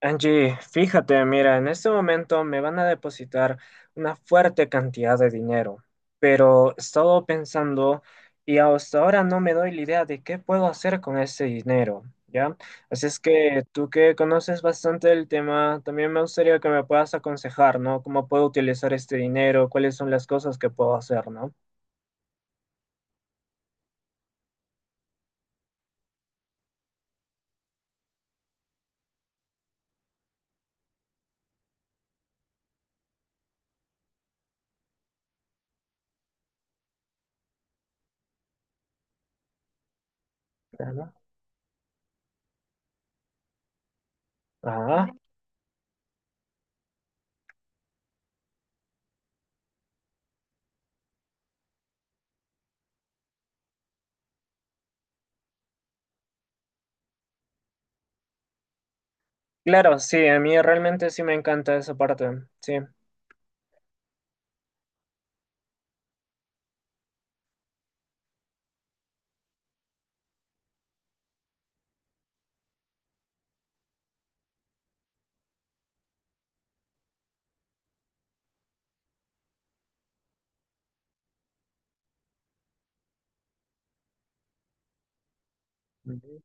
Angie, fíjate, mira, en este momento me van a depositar una fuerte cantidad de dinero, pero he estado pensando y hasta ahora no me doy la idea de qué puedo hacer con ese dinero, ¿ya? Así es que tú que conoces bastante el tema, también me gustaría que me puedas aconsejar, ¿no? ¿Cómo puedo utilizar este dinero? ¿Cuáles son las cosas que puedo hacer, ¿no? Claro. Ah, claro, sí, a mí realmente sí me encanta esa parte, sí. Ujú.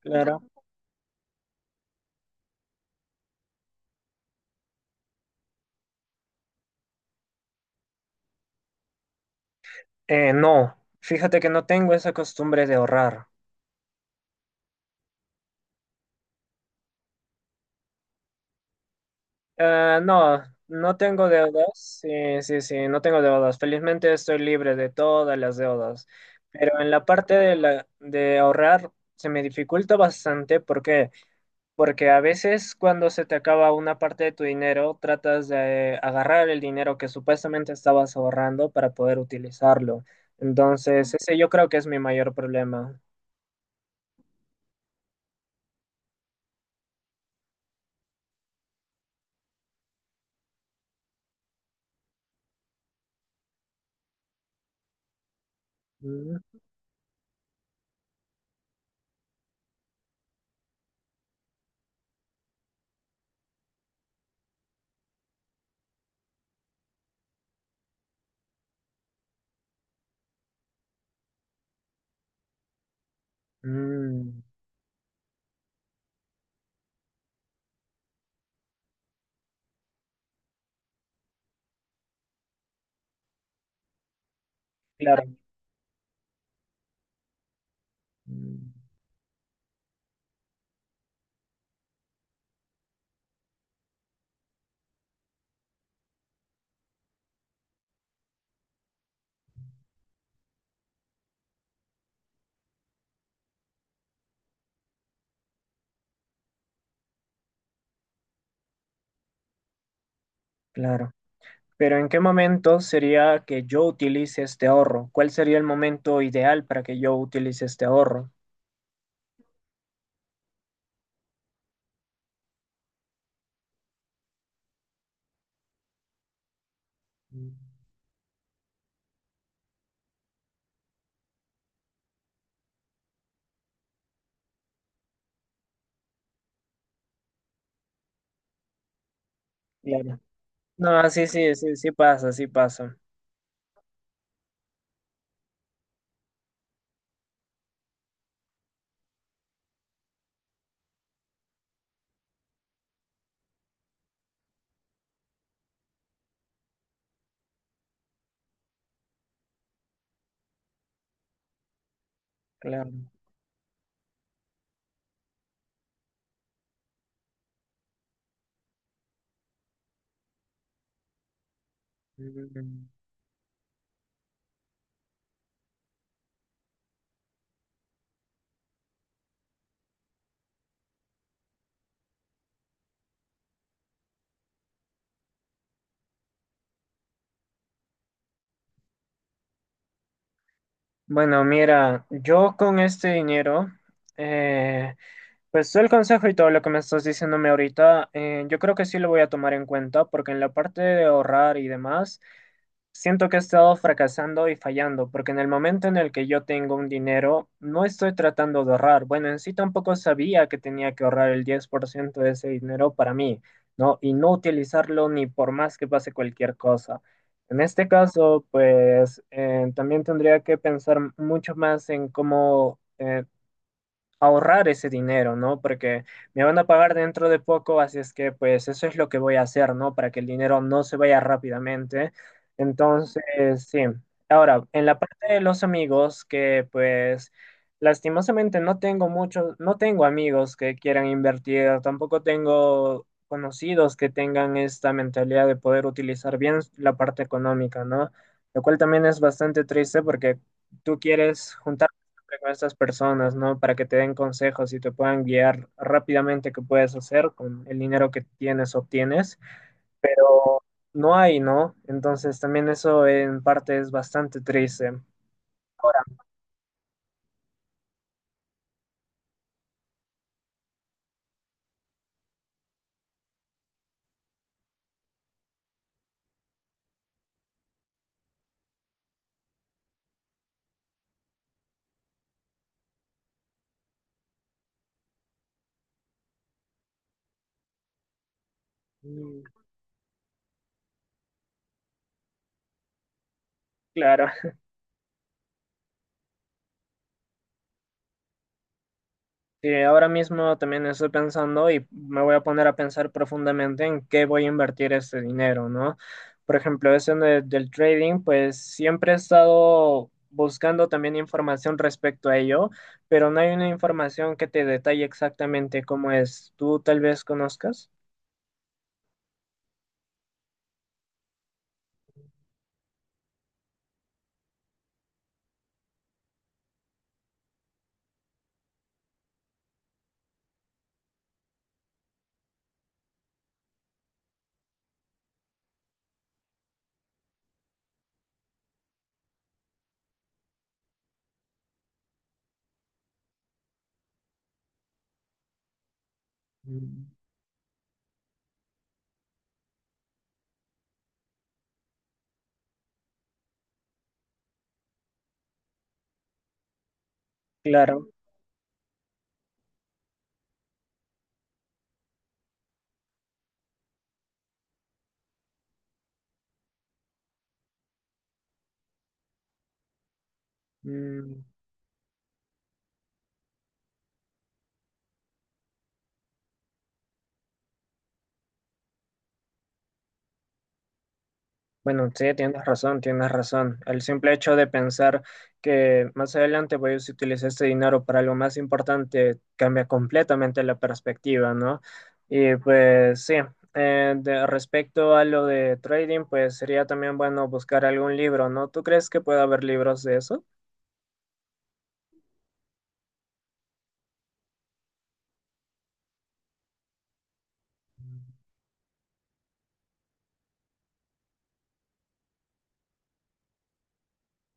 Claro. No, fíjate que no tengo esa costumbre de ahorrar. No, no tengo deudas. Sí, sí, sí, no tengo deudas. Felizmente estoy libre de todas las deudas. Pero en la parte de ahorrar se me dificulta bastante. ¿Por qué? Porque a veces cuando se te acaba una parte de tu dinero, tratas de agarrar el dinero que supuestamente estabas ahorrando para poder utilizarlo. Entonces, ese yo creo que es mi mayor problema. Mm, mm, claro. Mm. Claro. Pero ¿en qué momento sería que yo utilice este ahorro? ¿Cuál sería el momento ideal para que yo utilice este ahorro? Mm. Claro. No, sí, sí, sí, sí pasa, sí pasa. Claro. Mm. Bueno, mira, yo con este dinero, eh, pues todo el consejo y todo lo que me estás diciéndome ahorita, yo creo que sí lo voy a tomar en cuenta porque en la parte de ahorrar y demás. Siento que he estado fracasando y fallando, porque en el momento en el que yo tengo un dinero, no estoy tratando de ahorrar. Bueno, en sí tampoco sabía que tenía que ahorrar el 10% de ese dinero para mí, ¿no? Y no utilizarlo ni por más que pase cualquier cosa. En este caso, pues también tendría que pensar mucho más en cómo ahorrar ese dinero, ¿no? Porque me van a pagar dentro de poco, así es que pues eso es lo que voy a hacer, ¿no? Para que el dinero no se vaya rápidamente. Entonces, sí. Ahora, en la parte de los amigos, que pues lastimosamente no tengo muchos, no tengo amigos que quieran invertir, tampoco tengo conocidos que tengan esta mentalidad de poder utilizar bien la parte económica, ¿no? Lo cual también es bastante triste porque tú quieres juntar con estas personas, ¿no? Para que te den consejos y te puedan guiar rápidamente qué puedes hacer con el dinero que tienes o obtienes, pero no hay, ¿no? Entonces también eso en parte es bastante triste. Mm. Claro. Sí, ahora mismo también estoy pensando y me voy a poner a pensar profundamente en qué voy a invertir este dinero, ¿no? Por ejemplo, del trading, pues siempre he estado buscando también información respecto a ello, pero no hay una información que te detalle exactamente cómo es. ¿Tú tal vez conozcas? Mm. Claro. Mm. Bueno, sí, tienes razón, tienes razón. El simple hecho de pensar que más adelante voy a utilizar este dinero para algo más importante cambia completamente la perspectiva, ¿no? Y pues sí, respecto a lo de trading, pues sería también bueno buscar algún libro, ¿no? ¿Tú crees que puede haber libros de eso?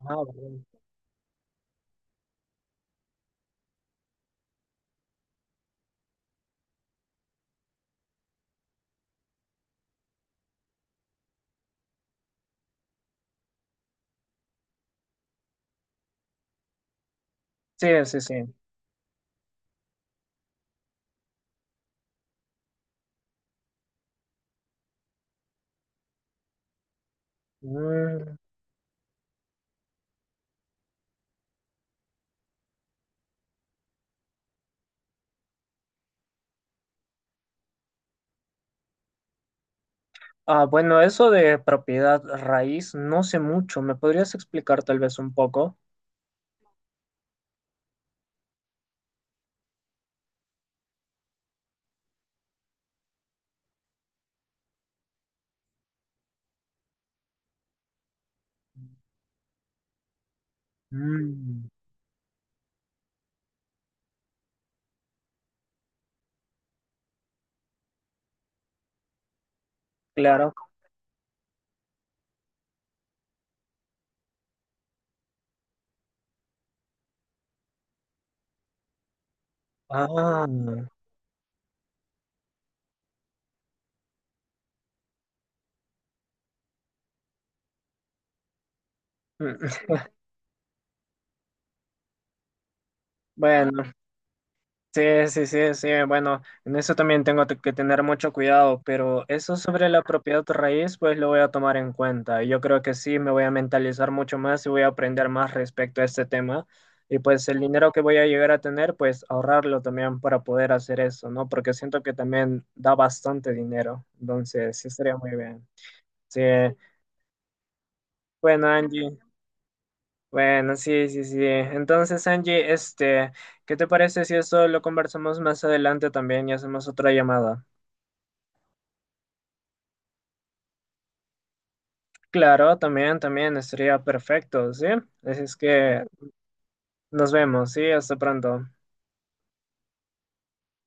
Ah, bueno. Sí, sí, sí. Mm. Ah, bueno, eso de propiedad raíz, no sé mucho. ¿Me podrías explicar tal vez un poco? Mm, claro. Ah, mm, bueno, sí, sí, sí, sí, bueno, en eso también que tener mucho cuidado, pero eso sobre la propiedad raíz, pues lo voy a tomar en cuenta. Yo creo que sí, me voy a mentalizar mucho más y voy a aprender más respecto a este tema. Y pues el dinero que voy a llegar a tener, pues ahorrarlo también para poder hacer eso, ¿no? Porque siento que también da bastante dinero, entonces sí estaría muy bien. Sí, bueno, Angie. Bueno, sí, sí, sí. Entonces, Angie, este, ¿qué te parece si esto lo conversamos más adelante también y hacemos otra llamada? Claro, también, también estaría perfecto, ¿sí? Así es que nos vemos, sí, hasta pronto.